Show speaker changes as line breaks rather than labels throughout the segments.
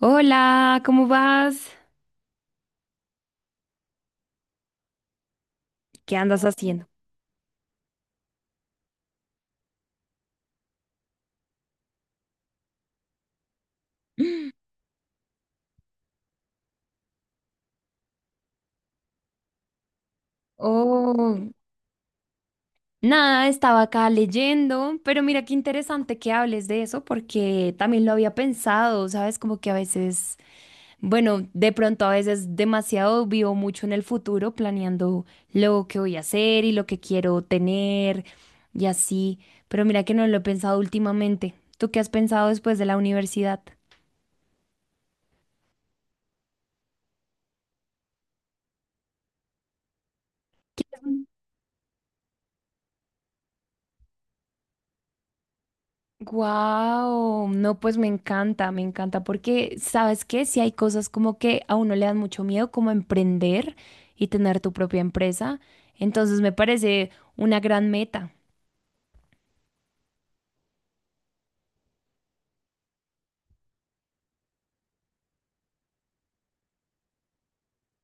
Hola, ¿cómo vas? ¿Qué andas haciendo? Oh, nada, estaba acá leyendo, pero mira qué interesante que hables de eso porque también lo había pensado, ¿sabes? Como que a veces, bueno, de pronto a veces demasiado vivo mucho en el futuro planeando lo que voy a hacer y lo que quiero tener y así, pero mira que no lo he pensado últimamente. ¿Tú qué has pensado después de la universidad? Wow, no, pues me encanta, porque sabes que si hay cosas como que a uno le dan mucho miedo, como emprender y tener tu propia empresa, entonces me parece una gran meta.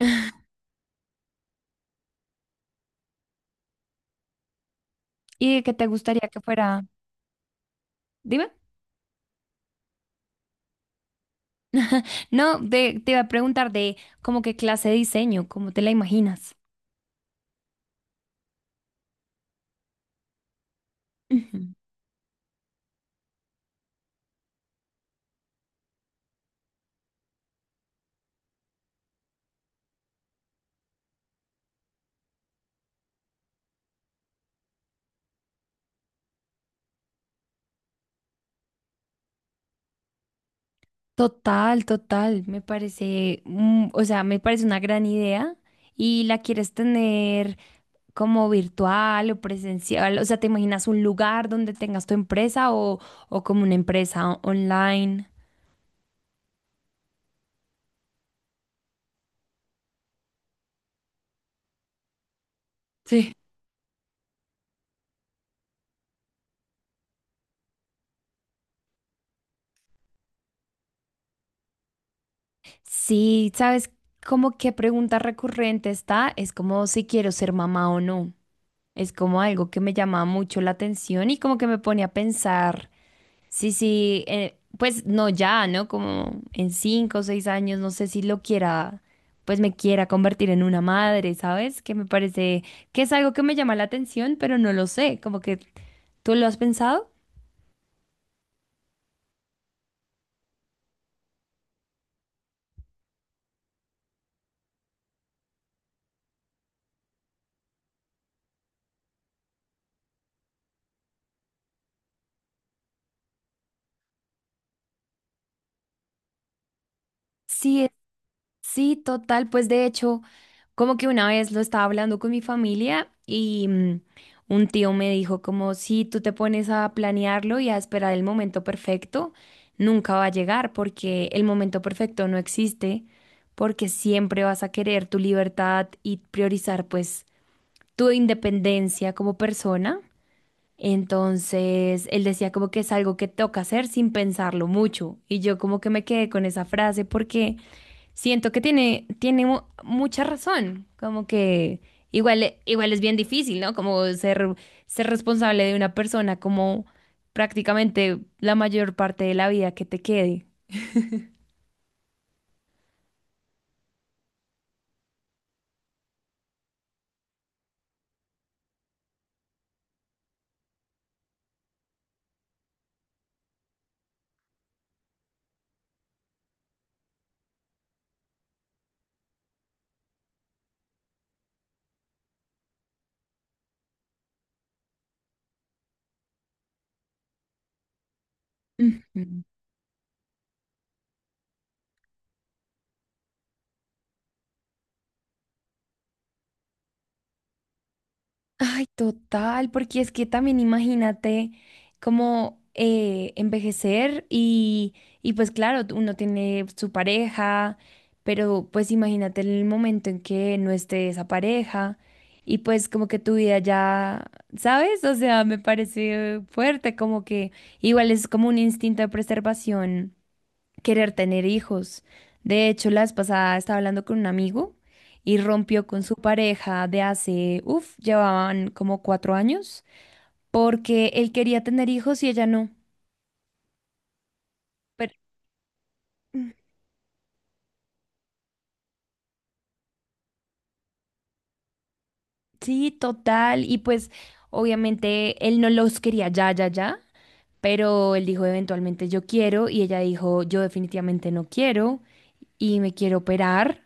¿Y de qué te gustaría que fuera? Dime. No, te iba a preguntar de como qué clase de diseño, cómo te la imaginas. Ujú. Total, total, me parece, o sea, me parece una gran idea y la quieres tener. ¿Como virtual o presencial? O sea, ¿te imaginas un lugar donde tengas tu empresa o como una empresa online? Sí. Sí, ¿sabes? Como qué pregunta recurrente está, es como si quiero ser mamá o no. Es como algo que me llama mucho la atención y como que me pone a pensar. Sí, sí, pues no ya, ¿no? Como en cinco o seis años, no sé si lo quiera, pues me quiera convertir en una madre, ¿sabes? Que me parece que es algo que me llama la atención, pero no lo sé, como que ¿tú lo has pensado? Sí, sí, total, pues de hecho, como que una vez lo estaba hablando con mi familia y un tío me dijo como si tú te pones a planearlo y a esperar el momento perfecto, nunca va a llegar porque el momento perfecto no existe, porque siempre vas a querer tu libertad y priorizar pues tu independencia como persona. Entonces, él decía como que es algo que toca hacer sin pensarlo mucho y yo como que me quedé con esa frase porque siento que tiene, mucha razón, como que igual, igual es bien difícil, ¿no? Como ser, ser responsable de una persona como prácticamente la mayor parte de la vida que te quede. Ujú. Ay, total, porque es que también imagínate como envejecer y pues claro, uno tiene su pareja, pero pues imagínate el momento en que no esté esa pareja y pues como que tu vida ya, ¿sabes? O sea, me parece fuerte, como que igual es como un instinto de preservación querer tener hijos. De hecho, la vez pasada estaba hablando con un amigo y rompió con su pareja de hace, uff, llevaban como cuatro años, porque él quería tener hijos y ella no. Pero mm, sí, total. Y pues, obviamente, él no los quería ya, ya, ya. Pero él dijo, eventualmente yo quiero, y ella dijo, yo definitivamente no quiero, y me quiero operar,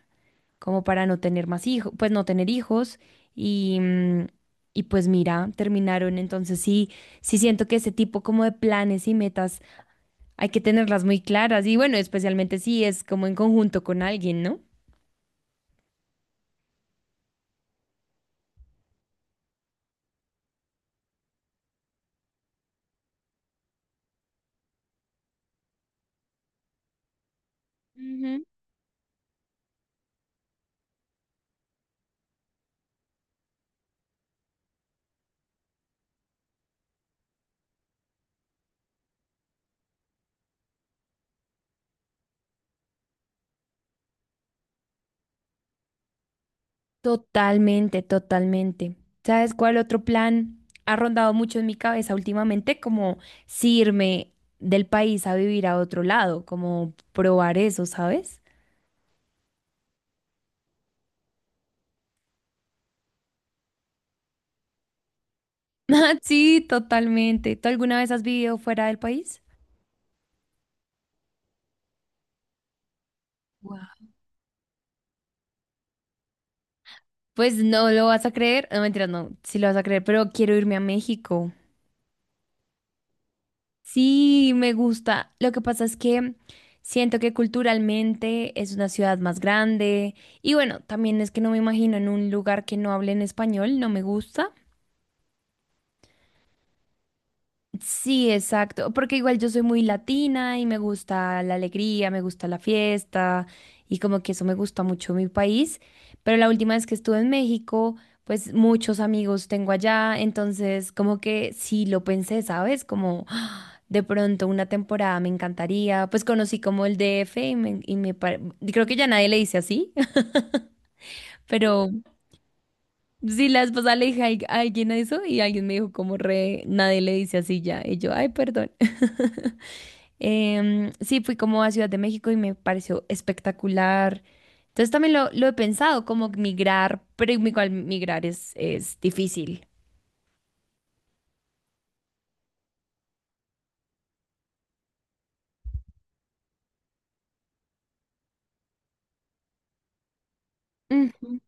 como para no tener más hijos, pues no tener hijos y, y pues mira, terminaron. Entonces sí, sí siento que ese tipo como de planes y metas hay que tenerlas muy claras y bueno, especialmente si es como en conjunto con alguien, ¿no? Ujú. Totalmente, totalmente. ¿Sabes cuál otro plan ha rondado mucho en mi cabeza últimamente? Como si irme del país a vivir a otro lado, como probar eso, ¿sabes? Sí, totalmente. ¿Tú alguna vez has vivido fuera del país? Guau. Pues no lo vas a creer, no mentira, no, sí lo vas a creer, pero quiero irme a México. Sí, me gusta. Lo que pasa es que siento que culturalmente es una ciudad más grande y bueno, también es que no me imagino en un lugar que no hable en español, no me gusta. Sí, exacto, porque igual yo soy muy latina y me gusta la alegría, me gusta la fiesta y como que eso me gusta mucho mi país, pero la última vez que estuve en México, pues muchos amigos tengo allá, entonces como que sí lo pensé, ¿sabes? Como "Ah, de pronto una temporada me encantaría, pues conocí como el DF y me, y creo que ya nadie le dice así", pero sí la esposa le dije a a alguien eso y alguien me dijo como re, nadie le dice así ya, y yo, ay, perdón. Sí, fui como a Ciudad de México y me pareció espectacular. Entonces también lo he pensado, como migrar, pero igual migrar es difícil. Ujú.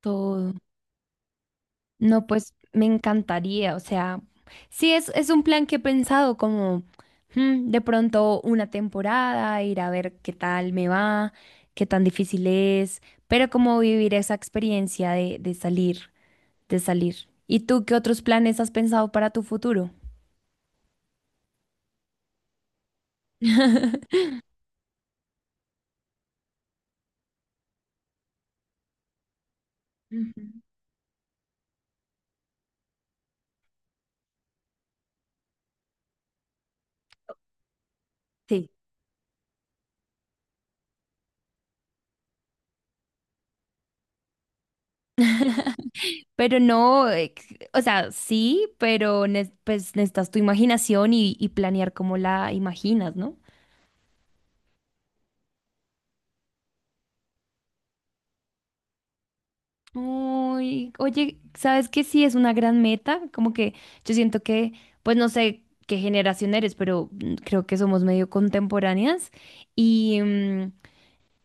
Todo. No, pues me encantaría, o sea, sí es un plan que he pensado como de pronto una temporada, ir a ver qué tal me va, qué tan difícil es, pero como vivir esa experiencia de salir, de salir. ¿Y tú qué otros planes has pensado para tu futuro? Ujú. Sí, pero no, o sea, sí, pero pues necesitas tu imaginación y planear cómo la imaginas, ¿no? Uy, oye, ¿sabes qué? Sí, es una gran meta, como que yo siento que, pues no sé qué generación eres, pero creo que somos medio contemporáneas y,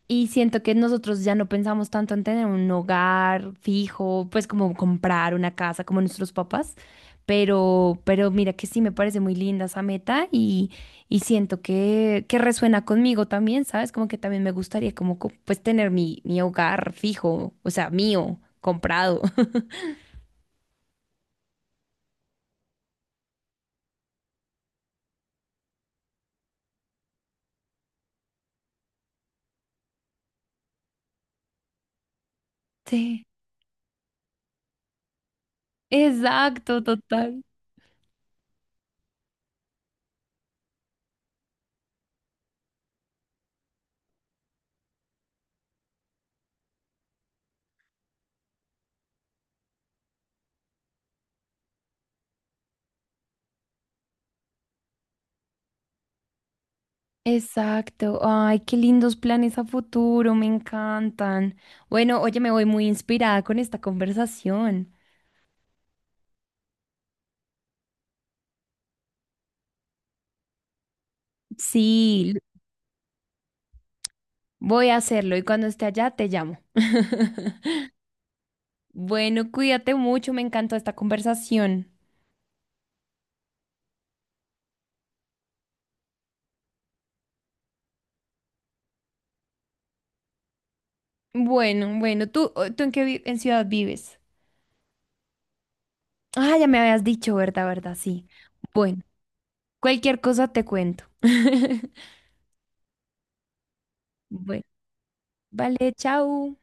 y siento que nosotros ya no pensamos tanto en tener un hogar fijo, pues como comprar una casa como nuestros papás, pero mira que sí me parece muy linda esa meta y siento que resuena conmigo también, ¿sabes? Como que también me gustaría como pues tener mi, mi hogar fijo, o sea, mío, comprado. Sí, exacto, total. Exacto. Ay, qué lindos planes a futuro, me encantan. Bueno, oye, me voy muy inspirada con esta conversación. Sí, voy a hacerlo y cuando esté allá te llamo. Bueno, cuídate mucho, me encantó esta conversación. Bueno, bueno, ¿tú, tú en qué en ciudad vives? Ah, ya me habías dicho, ¿verdad? ¿Verdad? Sí. Bueno, cualquier cosa te cuento. Bueno, vale, chao.